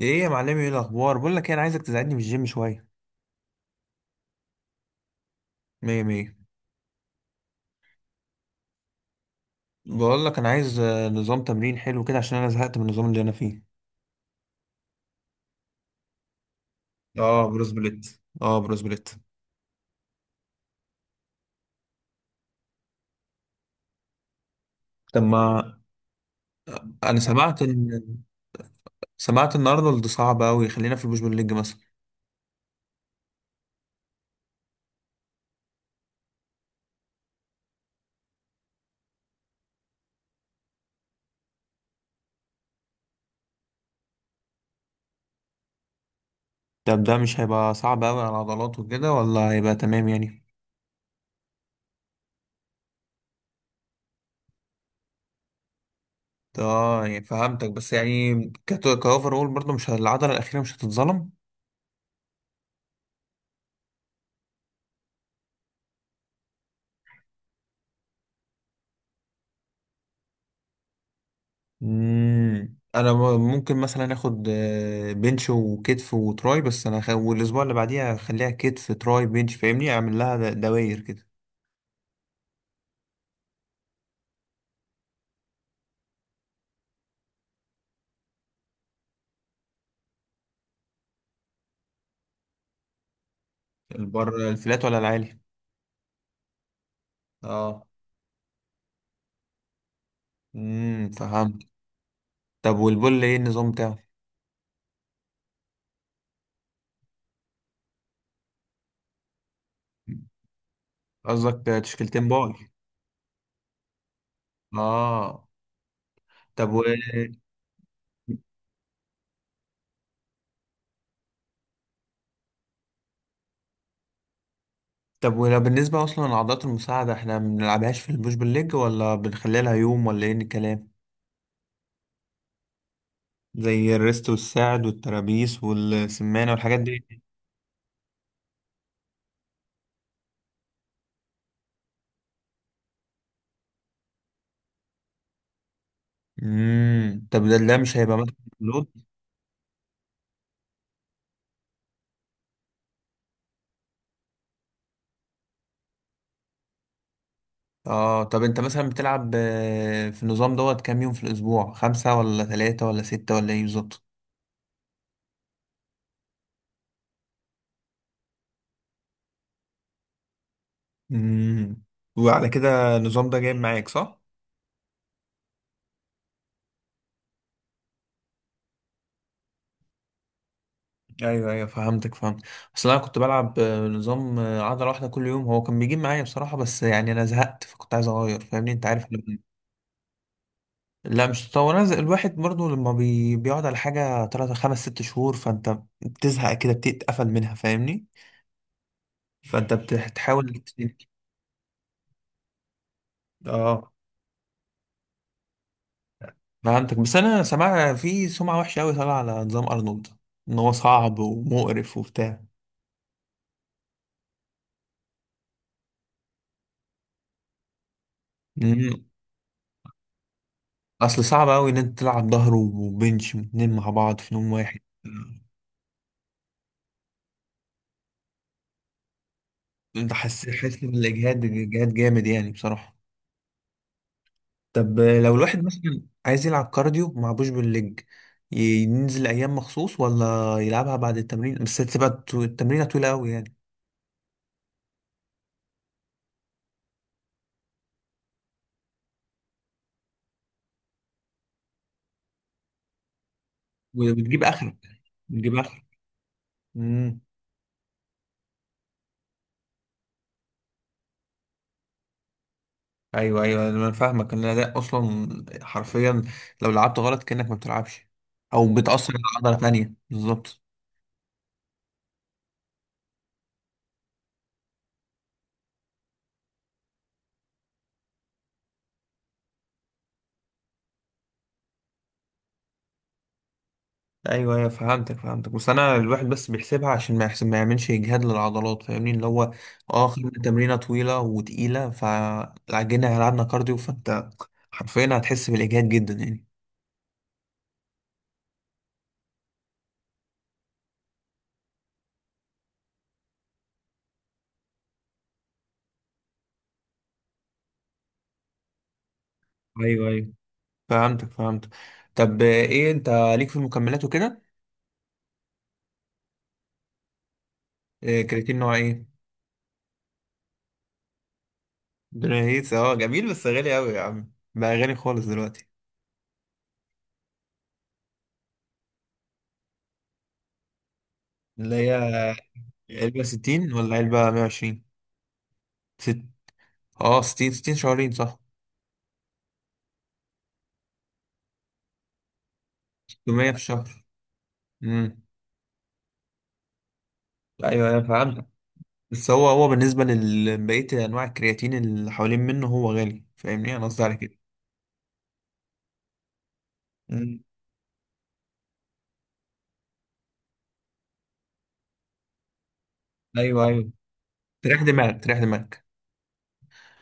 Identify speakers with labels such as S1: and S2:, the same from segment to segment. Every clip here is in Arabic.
S1: ايه يا معلمي؟ ايه الاخبار؟ بقول لك إيه، انا عايزك تساعدني في الجيم شويه. مية مية. بقول لك انا عايز نظام تمرين حلو كده عشان انا زهقت من النظام اللي انا فيه. اه بروس بليت. طب ما انا سمعت ان ارنولد صعب قوي، خلينا في البوش بول ليج مثلا. طب ده مش هيبقى صعب قوي على العضلات وكده، ولا هيبقى تمام يعني؟ اه يعني فهمتك، بس يعني كاوفر اول برضه، مش العضله الاخيره مش هتتظلم. مم. انا ممكن مثلا اخد بنش وكتف وتراي، بس انا والاسبوع اللي بعديها اخليها كتف تراي بنش، فاهمني اعمل لها دواير كده. البر الفلات ولا العالي؟ اه. فهمت. طب والبول ايه النظام بتاعه؟ قصدك تشكيلتين باي. اه. طب طب ولا بالنسبه اصلا لعضلات المساعده احنا ما بنلعبهاش في البوش بالليج، ولا بنخليها لها يوم ولا ايه الكلام؟ زي الريست والساعد والترابيس والسمانه والحاجات دي. طب ده مش هيبقى فاهم؟ مثلا لود. اه طب انت مثلا بتلعب في النظام دوت كام يوم في الاسبوع؟ 5 ولا 3 ولا 6 ولا ايه بالظبط؟ امم وعلى كده النظام ده جايب معاك صح؟ ايوه ايوه فهمتك فهمت. اصل انا كنت بلعب نظام عضله واحده كل يوم، هو كان بيجيب معايا بصراحه، بس يعني انا زهقت فكنت عايز اغير، فاهمني انت عارف لا مش تطور، انا الواحد برضو لما بيقعد على حاجه 3 5 6 شهور فانت بتزهق كده، بتتقفل منها فاهمني. فانت بتحاول. اه فهمتك، بس انا سمعت في سمعة وحشة قوي طالعة على نظام ارنولد، ان هو صعب ومقرف وبتاع. مم. اصل صعب قوي ان انت تلعب ظهر وبنش اتنين مع بعض في نوم واحد. انت حاسس بالاجهاد، اجهاد جامد يعني بصراحة. طب لو الواحد مثلا عايز يلعب كارديو ما معبوش بالليج، ينزل ايام مخصوص ولا يلعبها بعد التمرين؟ بس هتبقى التمرينة طويلة قوي يعني. وبتجيب اخرك. بتجيب اخرك. مم. ايوه ايوه انا فاهمك ان ده اصلا، حرفيا، لو لعبت غلط كانك ما بتلعبش، او بتاثر على عضله تانية بالظبط. ايوه ايوه فهمتك فهمتك، بس انا الواحد بس بيحسبها عشان ما يحسب ما يعملش اجهاد للعضلات، فاهمني اللي هو اه خدنا تمرينه طويله وتقيله فعجينا لعبنا كارديو، فانت حرفيا هتحس بالاجهاد جدا يعني. ايوه ايوه فهمتك فهمتك. طب ايه انت ليك في المكملات وكده؟ كرياتين نوع ايه؟ بنيهيس. اه جميل، بس غالي قوي يا عم بقى، غالي خالص دلوقتي. اللي هي علبة 60 ولا علبة 120؟ ست اه 60 60 شهرين صح. 600 في الشهر. امم ايوه انا فهمت، بس هو بالنسبة لبقية انواع الكرياتين اللي حوالين منه هو غالي، فاهمني انا قصدي على كده. امم ايوه ايوه تريح دماغك تريح دماغك.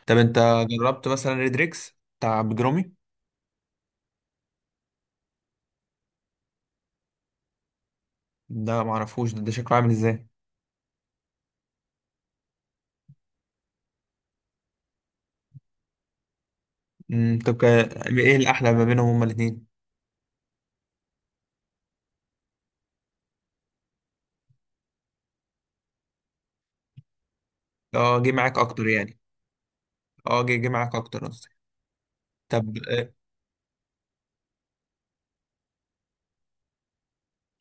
S1: طب انت جربت مثلا ريدريكس بتاع بجرومي؟ ده معرفوش ده. ده شكله عامل ازاي؟ طب ايه الاحلى ما بينهم هما الاتنين؟ اه جه معاك اكتر يعني؟ اه جه معاك اكتر قصدي. طب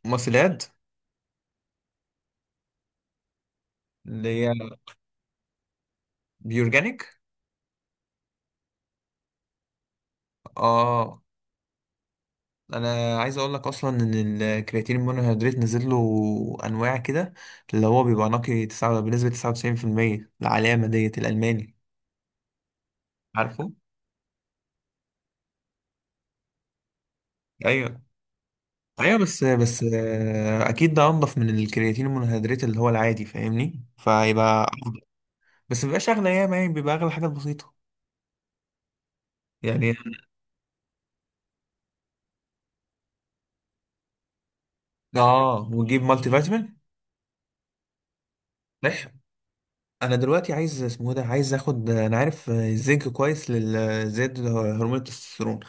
S1: ماسلات. اللي هي بيورجانيك. اه انا عايز اقول لك اصلا ان الكرياتين المونوهيدرات نزل له انواع كده، اللي هو بيبقى نقي تسعة بنسبة 99%، العلامة ديت الالماني. عارفه. ايوه ايوه بس اكيد ده انضف من الكرياتين المونوهيدرات اللي هو العادي، فاهمني فيبقى بس مبيبقاش اغلى ياما يعني، بيبقى اغلى حاجة بسيطة يعني. اه وتجيب مالتي فيتامين. صح. انا دلوقتي عايز اسمه إيه ده عايز اخد، انا عارف الزنك كويس للزيادة هرمون التستوستيرون،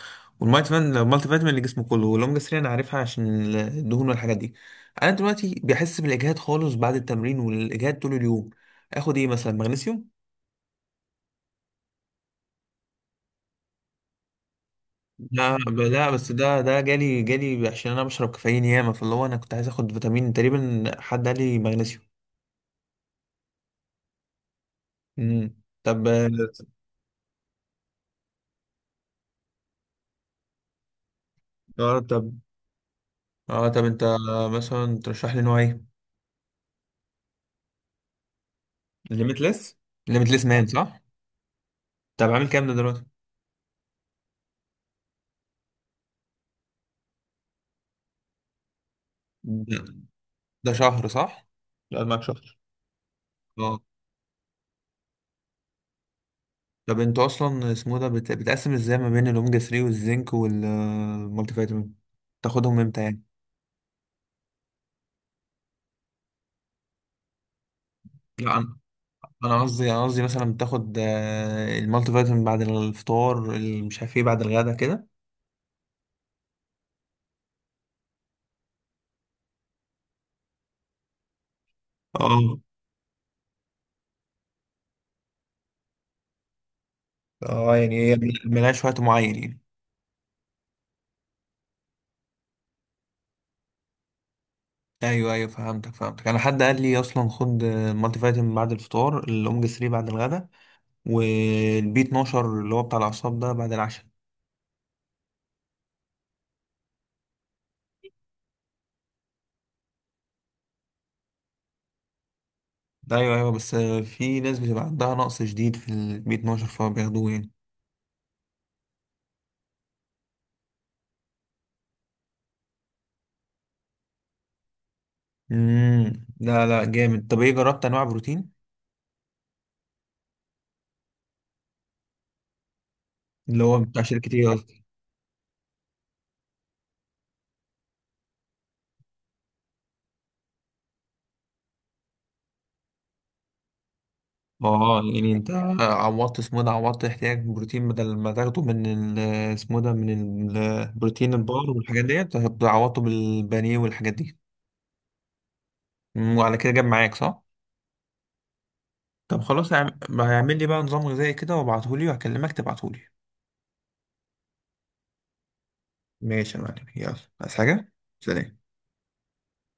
S1: والمالتي فيتامين المالتي فيتامين اللي جسمه كله، واللونج 3 انا عارفها عشان الدهون والحاجات دي. انا دلوقتي بحس بالاجهاد خالص بعد التمرين، والاجهاد طول اليوم. اخد ايه مثلا مغنيسيوم؟ لا لا بس ده جالي عشان انا بشرب كافيين ياما، فاللي هو انا كنت عايز اخد فيتامين، تقريبا حد قال لي مغنيسيوم. امم طب. اه طب انت مثلا ترشح لي نوع ايه؟ ليميتلس ليميتلس مان صح. طب عامل كام ده دلوقتي؟ ده ده شهر صح، لا معاك شهر. اه طب انتوا اصلا اسمه ده بتقسم ازاي ما بين الاوميجا 3 والزنك والمالتي فيتامين؟ تاخدهم امتى يعني؟ لا انا قصدي مثلا بتاخد المالتي فيتامين بعد الفطار، مش عارف ايه، بعد الغدا كده. اه. اه يعني هي ملهاش وقت معين يعني. ايوه ايوه فهمتك فهمتك. انا حد قال لي اصلا خد المالتي فيتامين بعد الفطار، الاوميجا 3 بعد الغدا، والبي 12 اللي هو بتاع الأعصاب ده بعد العشاء. أيوه أيوه، بس في ناس بتبقى عندها نقص شديد في البي 12 فبياخدوه يعني. امم لا لا جامد. طب إيه، جربت أنواع بروتين؟ اللي هو بتاع شركة إيه قصدي؟ اه يعني انت عوضت اسمه إيه ده، عوضت احتياج بروتين بدل ما تاخده من اسمه إيه ده، من البروتين البار والحاجات ديت، عوضته بالبانيه والحاجات دي. وعلى كده جاب معاك صح؟ طب خلاص اعمل لي بقى نظام غذائي كده وابعتهولي وهكلمك تبعتهولي. ماشي يا معلم، يلا عايز حاجة؟ سلام.